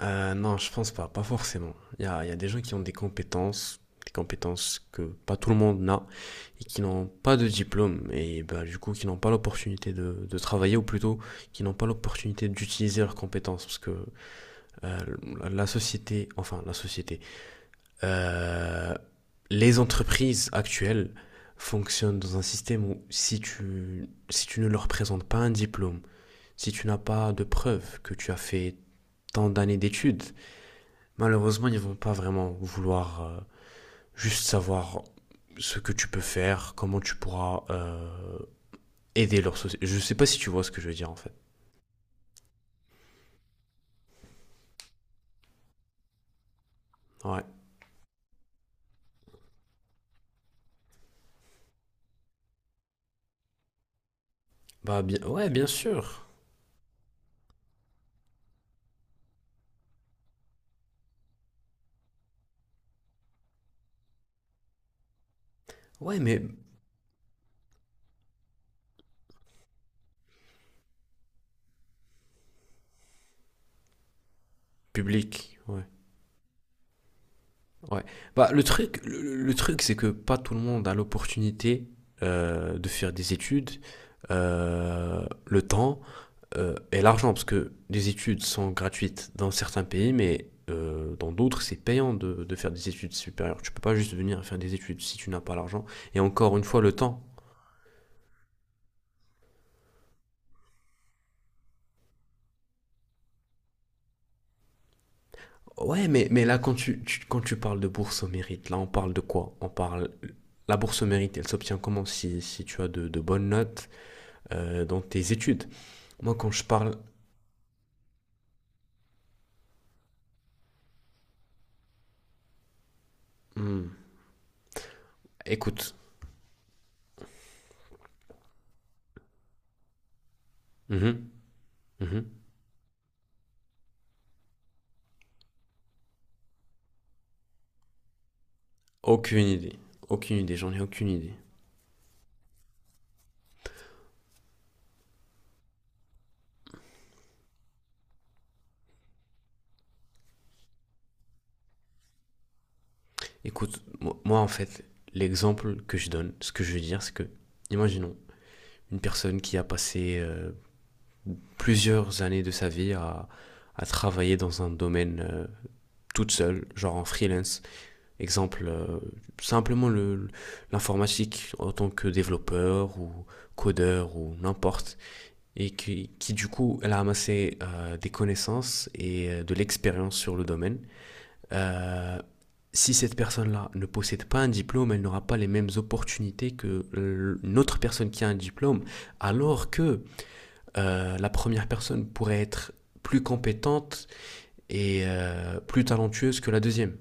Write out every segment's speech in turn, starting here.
Non, je pense pas, pas forcément. Il y a des gens qui ont des compétences que pas tout le monde n'a, et qui n'ont pas de diplôme, et bah, du coup qui n'ont pas l'opportunité de travailler, ou plutôt qui n'ont pas l'opportunité d'utiliser leurs compétences, parce que euh, société, enfin la société, euh, les entreprises actuelles fonctionnent dans un système où si tu ne leur présentes pas un diplôme, si tu n'as pas de preuve que tu as fait tant d'années d'études, malheureusement, ils ne vont pas vraiment vouloir juste savoir ce que tu peux faire, comment tu pourras aider leur société. Je sais pas si tu vois ce que je veux dire en fait. Ouais. Bah bien, ouais, bien sûr. Ouais, mais public. Ouais. Ouais. Bah le truc, le truc, c'est que pas tout le monde a l'opportunité de faire des études, le temps et l'argent, parce que les études sont gratuites dans certains pays, mais dans d'autres, c'est payant de faire des études supérieures. Tu peux pas juste venir faire des études si tu n'as pas l'argent. Et encore une fois, le temps. Ouais, mais là, quand tu parles de bourse au mérite, là, on parle de quoi? On parle. La bourse au mérite, elle s'obtient comment si, si tu as de bonnes notes dans tes études? Moi, quand je parle. Hmm, écoute. Mhm, mhm. Aucune idée. Aucune idée, j'en ai aucune idée. Écoute, moi en fait, l'exemple que je donne, ce que je veux dire, c'est que, imaginons, une personne qui a passé plusieurs années de sa vie à travailler dans un domaine toute seule, genre en freelance. Exemple, simplement l'informatique en tant que développeur ou codeur ou n'importe. Et du coup, elle a amassé des connaissances et de l'expérience sur le domaine. Euh, Si cette personne-là ne possède pas un diplôme, elle n'aura pas les mêmes opportunités que l'autre personne qui a un diplôme, alors que la première personne pourrait être plus compétente et plus talentueuse que la deuxième.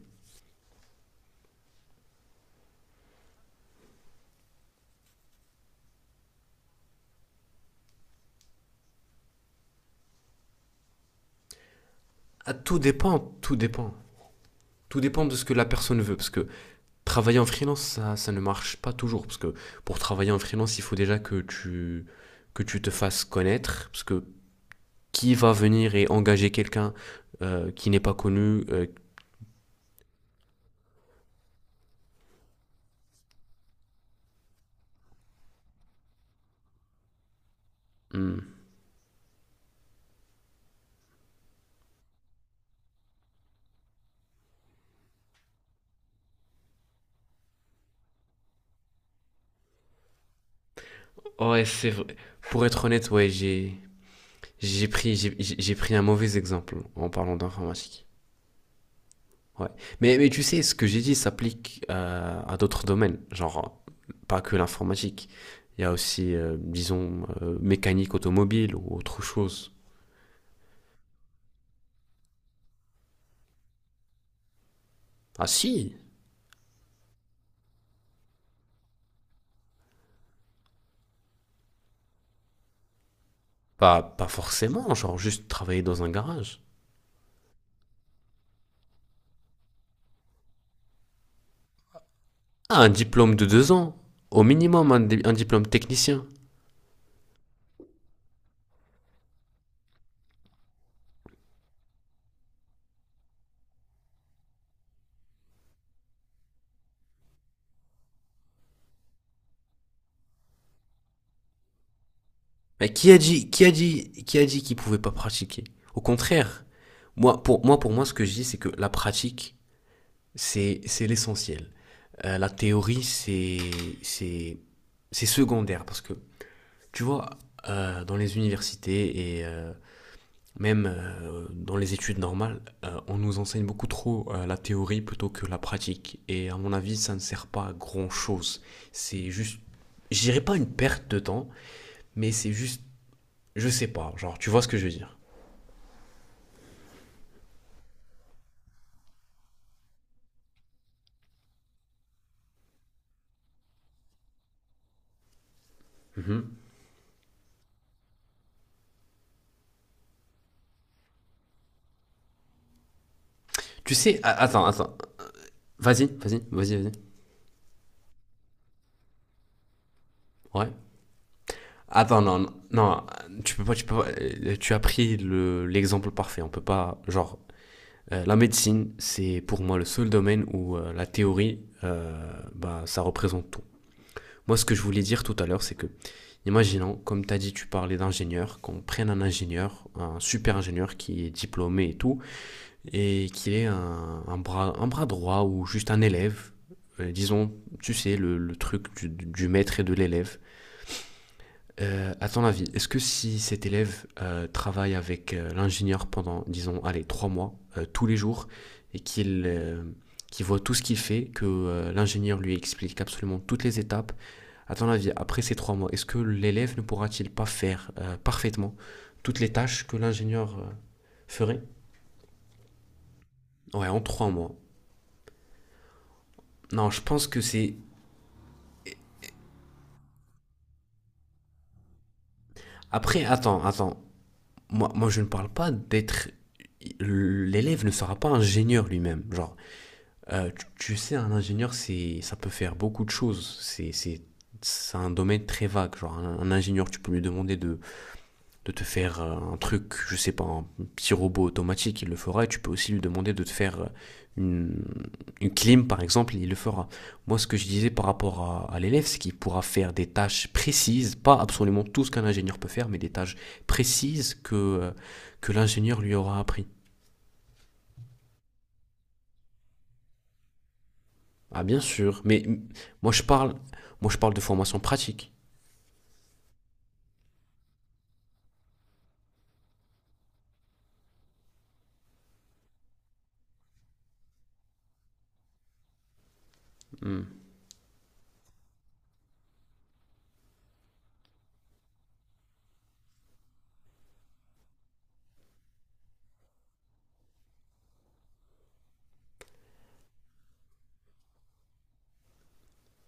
Ah, tout dépend, tout dépend. Tout dépend de ce que la personne veut, parce que travailler en freelance, ça ne marche pas toujours, parce que pour travailler en freelance, il faut déjà que tu te fasses connaître, parce que qui va venir et engager quelqu'un qui n'est pas connu, hmm. Ouais, c'est vrai. Pour être honnête, ouais, j'ai pris un mauvais exemple en parlant d'informatique. Ouais. Mais tu sais, ce que j'ai dit s'applique à d'autres domaines, genre pas que l'informatique. Il y a aussi disons mécanique automobile ou autre chose. Ah si, pas forcément, genre juste travailler dans un garage. Ah, un diplôme de 2 ans, au minimum un diplôme technicien. Mais qui a dit qu'il pouvait pas pratiquer? Au contraire, pour moi, ce que je dis, c'est que la pratique, c'est l'essentiel. La théorie, c'est, c'est secondaire parce que tu vois, dans les universités et même dans les études normales, on nous enseigne beaucoup trop la théorie plutôt que la pratique. Et à mon avis, ça ne sert pas à grand chose. C'est juste, je dirais pas une perte de temps, mais c'est juste je sais pas, genre, tu vois ce que je veux dire. Mhm. Tu sais, attends, attends. Vas-y, vas-y, vas-y, vas-y. Ouais. Attends, non, non, non, tu peux pas. Tu as pris l'exemple parfait. On peut pas, genre, la médecine, c'est pour moi le seul domaine où la théorie, bah, ça représente tout. Moi, ce que je voulais dire tout à l'heure, c'est que, imaginons, comme tu as dit, tu parlais d'ingénieur, qu'on prenne un ingénieur, un super ingénieur qui est diplômé et tout, et qu'il ait un bras droit ou juste un élève, disons, tu sais, le truc du maître et de l'élève. À ton avis, est-ce que si cet élève travaille avec l'ingénieur pendant, disons, allez, 3 mois, tous les jours, et qu'il euh, qu'il voit tout ce qu'il fait, que l'ingénieur lui explique absolument toutes les étapes, à ton avis, après ces 3 mois, est-ce que l'élève ne pourra-t-il pas faire parfaitement toutes les tâches que l'ingénieur ferait? Ouais, en 3 mois. Non, je pense que c'est... Après, attends, attends. Je ne parle pas d'être. L'élève ne sera pas ingénieur lui-même. Genre, euh, tu, tu sais, un ingénieur, c'est, ça peut faire beaucoup de choses. C'est un domaine très vague. Genre, un ingénieur, tu peux lui demander de te faire un truc, je sais pas, un petit robot automatique, il le fera. Et tu peux aussi lui demander de te faire une, une clim, par exemple, il le fera. Moi, ce que je disais par rapport à l'élève, c'est qu'il pourra faire des tâches précises, pas absolument tout ce qu'un ingénieur peut faire, mais des tâches précises que l'ingénieur lui aura appris. Ah, bien sûr, mais moi, je parle, moi, je parle de formation pratique. Hmm.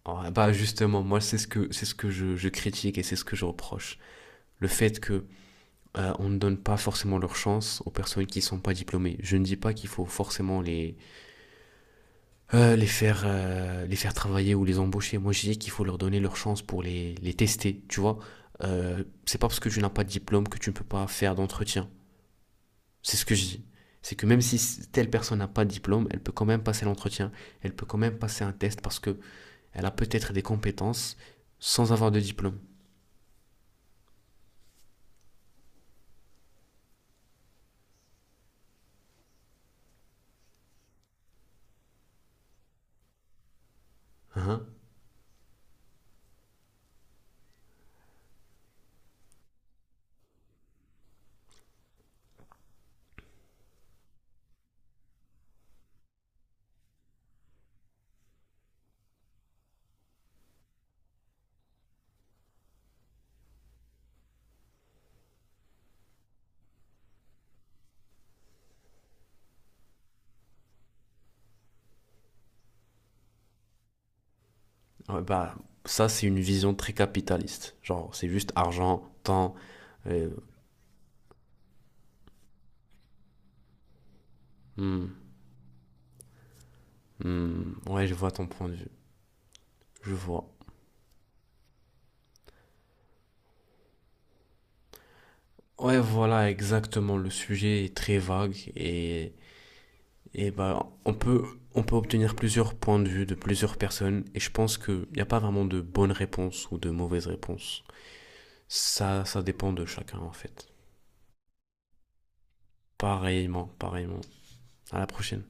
Ah, bah justement, moi c'est ce que je critique et c'est ce que je reproche. Le fait que on ne donne pas forcément leur chance aux personnes qui ne sont pas diplômées. Je ne dis pas qu'il faut forcément faire, les faire travailler ou les embaucher. Moi, je dis qu'il faut leur donner leur chance pour les tester, tu vois. C'est pas parce que tu n'as pas de diplôme que tu ne peux pas faire d'entretien. C'est ce que je dis. C'est que même si telle personne n'a pas de diplôme, elle peut quand même passer l'entretien, elle peut quand même passer un test parce que elle a peut-être des compétences sans avoir de diplôme. Hein. Ouais, bah, ça, c'est une vision très capitaliste. Genre, c'est juste argent, temps. euh, hmm, hmm, ouais, je vois ton point de vue. Je vois. Ouais, voilà, exactement. Le sujet est très vague et bah, on peut obtenir plusieurs points de vue de plusieurs personnes et je pense qu'il n'y a pas vraiment de bonne réponse ou de mauvaise réponse. Ça dépend de chacun en fait. Pareillement, pareillement. À la prochaine.